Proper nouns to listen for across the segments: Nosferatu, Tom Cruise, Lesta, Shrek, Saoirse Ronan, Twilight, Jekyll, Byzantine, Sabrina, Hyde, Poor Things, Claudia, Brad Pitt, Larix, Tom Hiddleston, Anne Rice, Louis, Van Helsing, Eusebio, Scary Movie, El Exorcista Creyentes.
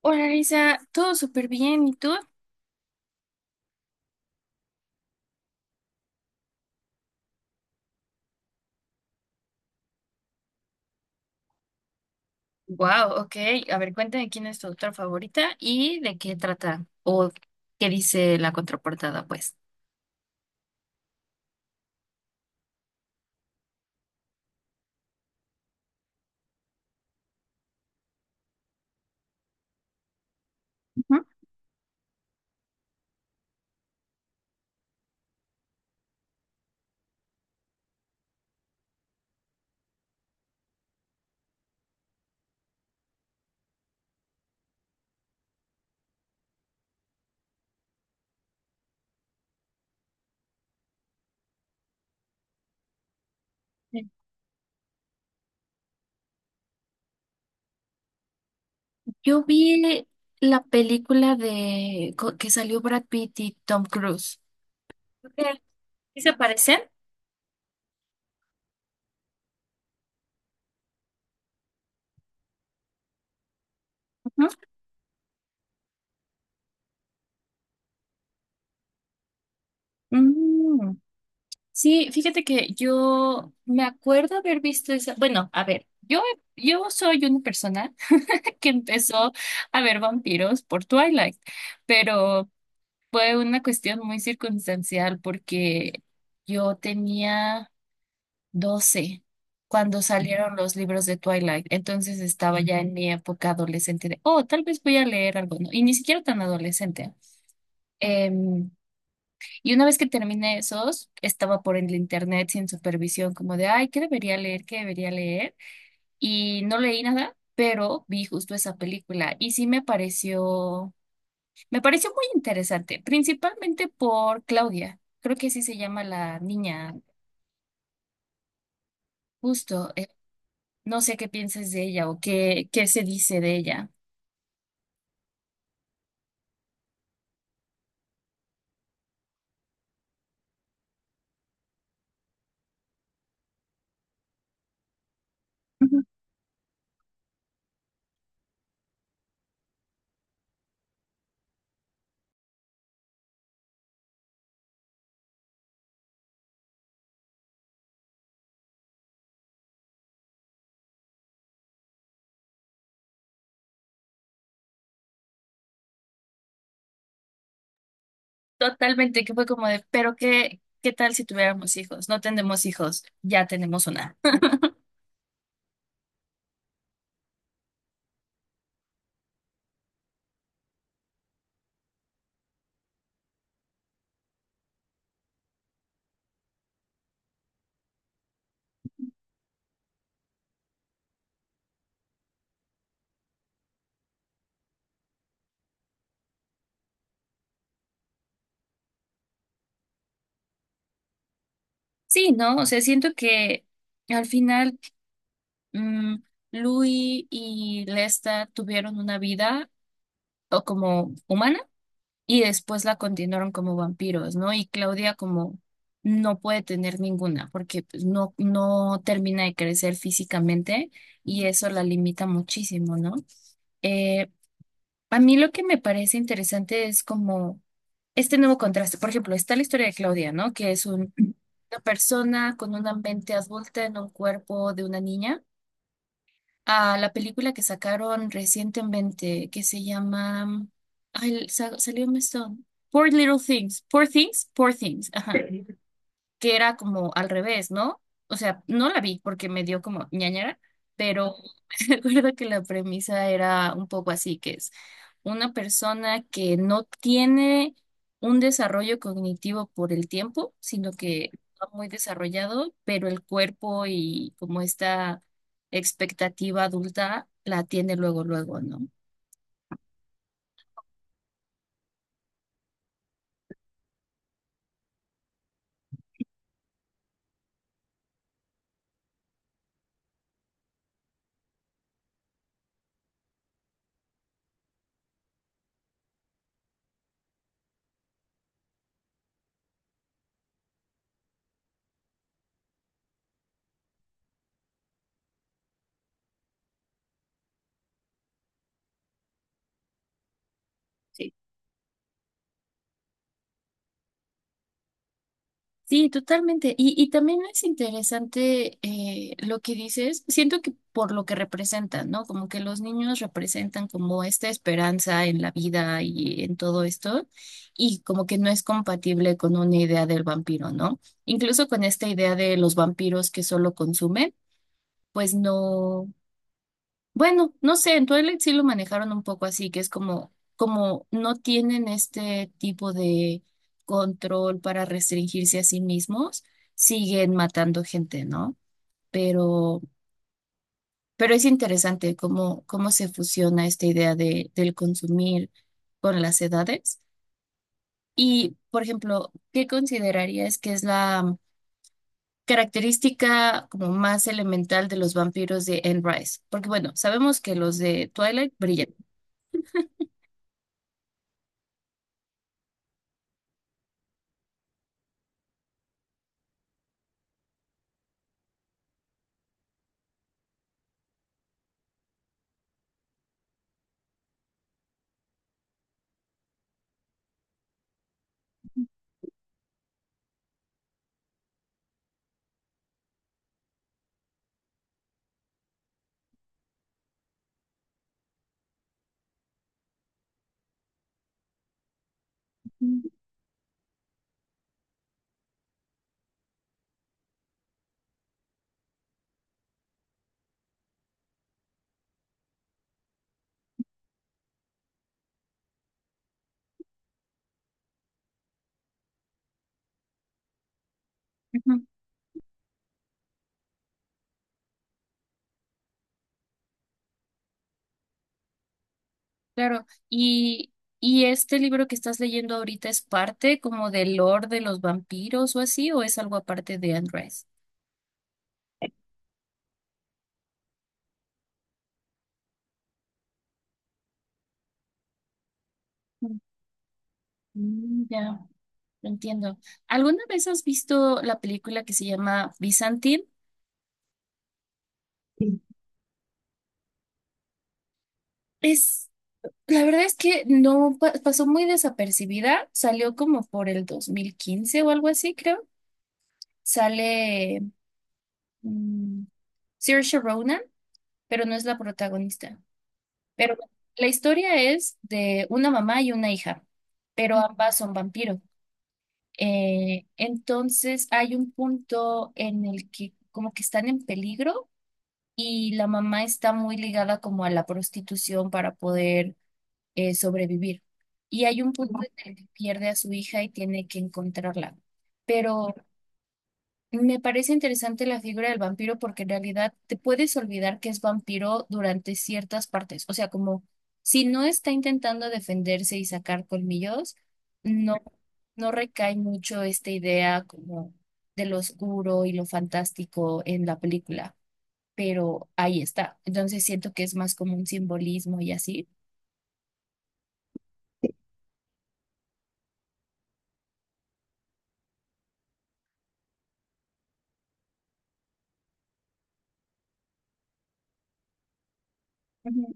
Hola Lisa, todo súper bien, ¿y tú? Wow, ok. A ver, cuéntame quién es tu autora favorita y de qué trata o qué dice la contraportada, pues. Ujú. Yo vi la película que salió Brad Pitt y Tom Cruise. Ok, ¿sí se parecen? Ujú. Mm, Sí, fíjate que yo me acuerdo haber visto esa. Bueno, a ver, yo soy una persona que empezó a ver vampiros por Twilight, pero fue una cuestión muy circunstancial porque yo tenía 12 cuando salieron los libros de Twilight. Entonces estaba ya en mi época adolescente de, oh, tal vez voy a leer algo, ¿no? Y ni siquiera tan adolescente. Em, y una vez que terminé esos, estaba por el internet sin supervisión, como de, ay, ¿qué debería leer? ¿Qué debería leer? Y no leí nada, pero vi justo esa película y sí me pareció muy interesante, principalmente por Claudia. Creo que así se llama la niña, justo. No sé qué piensas de ella o qué se dice de ella. Ujú. Totalmente, que fue como de, pero qué tal si tuviéramos hijos? No tenemos hijos, ya tenemos una. Sí, ¿no? O sea, siento que al final, mm, Louis y Lesta tuvieron una vida o como humana y después la continuaron como vampiros, ¿no? Y Claudia como no puede tener ninguna porque pues, no, no termina de crecer físicamente y eso la limita muchísimo, ¿no? Eh, a mí lo que me parece interesante es como este nuevo contraste. Por ejemplo, está la historia de Claudia, ¿no? Que es una persona con una mente adulta en un cuerpo de una niña, a la película que sacaron recientemente que se llama... Ay, salió un esto, Poor Little Things. Poor Things, Poor Things. Ajá, que era como al revés, ¿no? O sea, no la vi porque me dio como ñañara, pero recuerdo que la premisa era un poco así, que es una persona que no tiene un desarrollo cognitivo por el tiempo, sino que está muy desarrollado, pero el cuerpo y como esta expectativa adulta la tiene luego, luego, ¿no? Sí, totalmente. Y también es interesante, lo que dices. Siento que por lo que representan, ¿no? Como que los niños representan como esta esperanza en la vida y en todo esto, y como que no es compatible con una idea del vampiro, ¿no? Incluso con esta idea de los vampiros que solo consumen, pues no. Bueno, no sé, en Twilight sí lo manejaron un poco así, que es como, no tienen este tipo de control para restringirse a sí mismos, siguen matando gente, ¿no? Pero, pero es interesante cómo se fusiona esta idea del consumir con las edades. Y, por ejemplo, ¿qué considerarías que es la característica como más elemental de los vampiros de Anne Rice? Porque, bueno, sabemos que los de Twilight brillan. Ujú. Claro, y este libro que estás leyendo ahorita, ¿es parte como del lore de los vampiros o así, o es algo aparte de Andrés? Mm, mm, ya, lo entiendo. ¿Alguna vez has visto la película que se llama Byzantine? Sí. Es, la verdad es que no pasó muy desapercibida, salió como por el 2015 o algo así, creo. Sale, mm, Saoirse Ronan, pero no es la protagonista. Pero bueno, la historia es de una mamá y una hija, pero ambas son vampiros. Entonces hay un punto en el que como que están en peligro y la mamá está muy ligada como a la prostitución para poder, sobrevivir. Y hay un punto en el que pierde a su hija y tiene que encontrarla. Pero me parece interesante la figura del vampiro porque en realidad te puedes olvidar que es vampiro durante ciertas partes. O sea, como si no está intentando defenderse y sacar colmillos, no, no recae mucho esta idea como de lo oscuro y lo fantástico en la película, pero ahí está. Entonces siento que es más como un simbolismo y así. Ujú.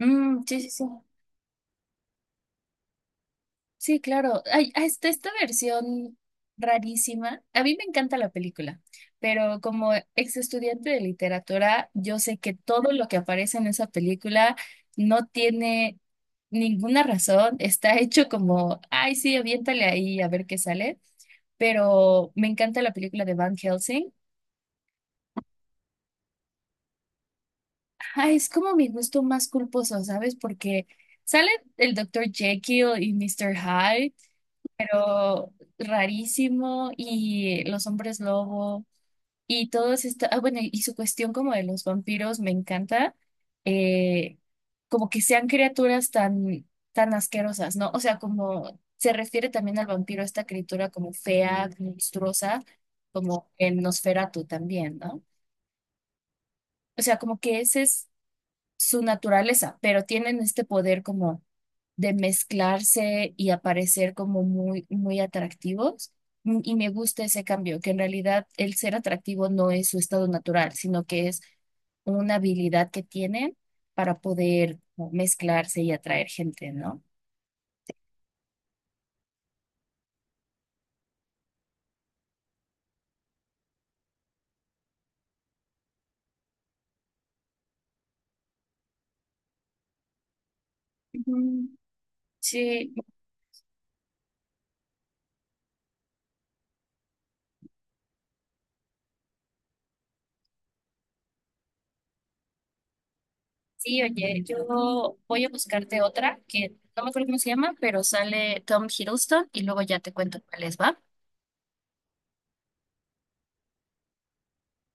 Mm, sí, sí, sí. Sí, claro. Ay, hasta esta versión rarísima. A mí me encanta la película, pero como ex estudiante de literatura, yo sé que todo lo que aparece en esa película no tiene ninguna razón. Está hecho como, ay, sí, aviéntale ahí a ver qué sale. Pero me encanta la película de Van Helsing. Ay, es como mi gusto más culposo, ¿sabes? Porque sale el doctor Jekyll y Mr. Hyde, pero rarísimo, y los hombres lobo y todos esta, ah, bueno, y su cuestión como de los vampiros me encanta, eh, como que sean criaturas tan, tan asquerosas, ¿no? O sea, como se refiere también al vampiro, esta criatura como fea, monstruosa, como en Nosferatu también, ¿no? O sea, como que esa es su naturaleza, pero tienen este poder como de mezclarse y aparecer como muy, muy atractivos. Y me gusta ese cambio, que en realidad el ser atractivo no es su estado natural, sino que es una habilidad que tienen para poder como mezclarse y atraer gente, ¿no? Ujú. Sí, sí, oye, yo voy a buscarte otra que no me acuerdo cómo se llama, pero sale Tom Hiddleston y luego ya te cuento cuál es, ¿va?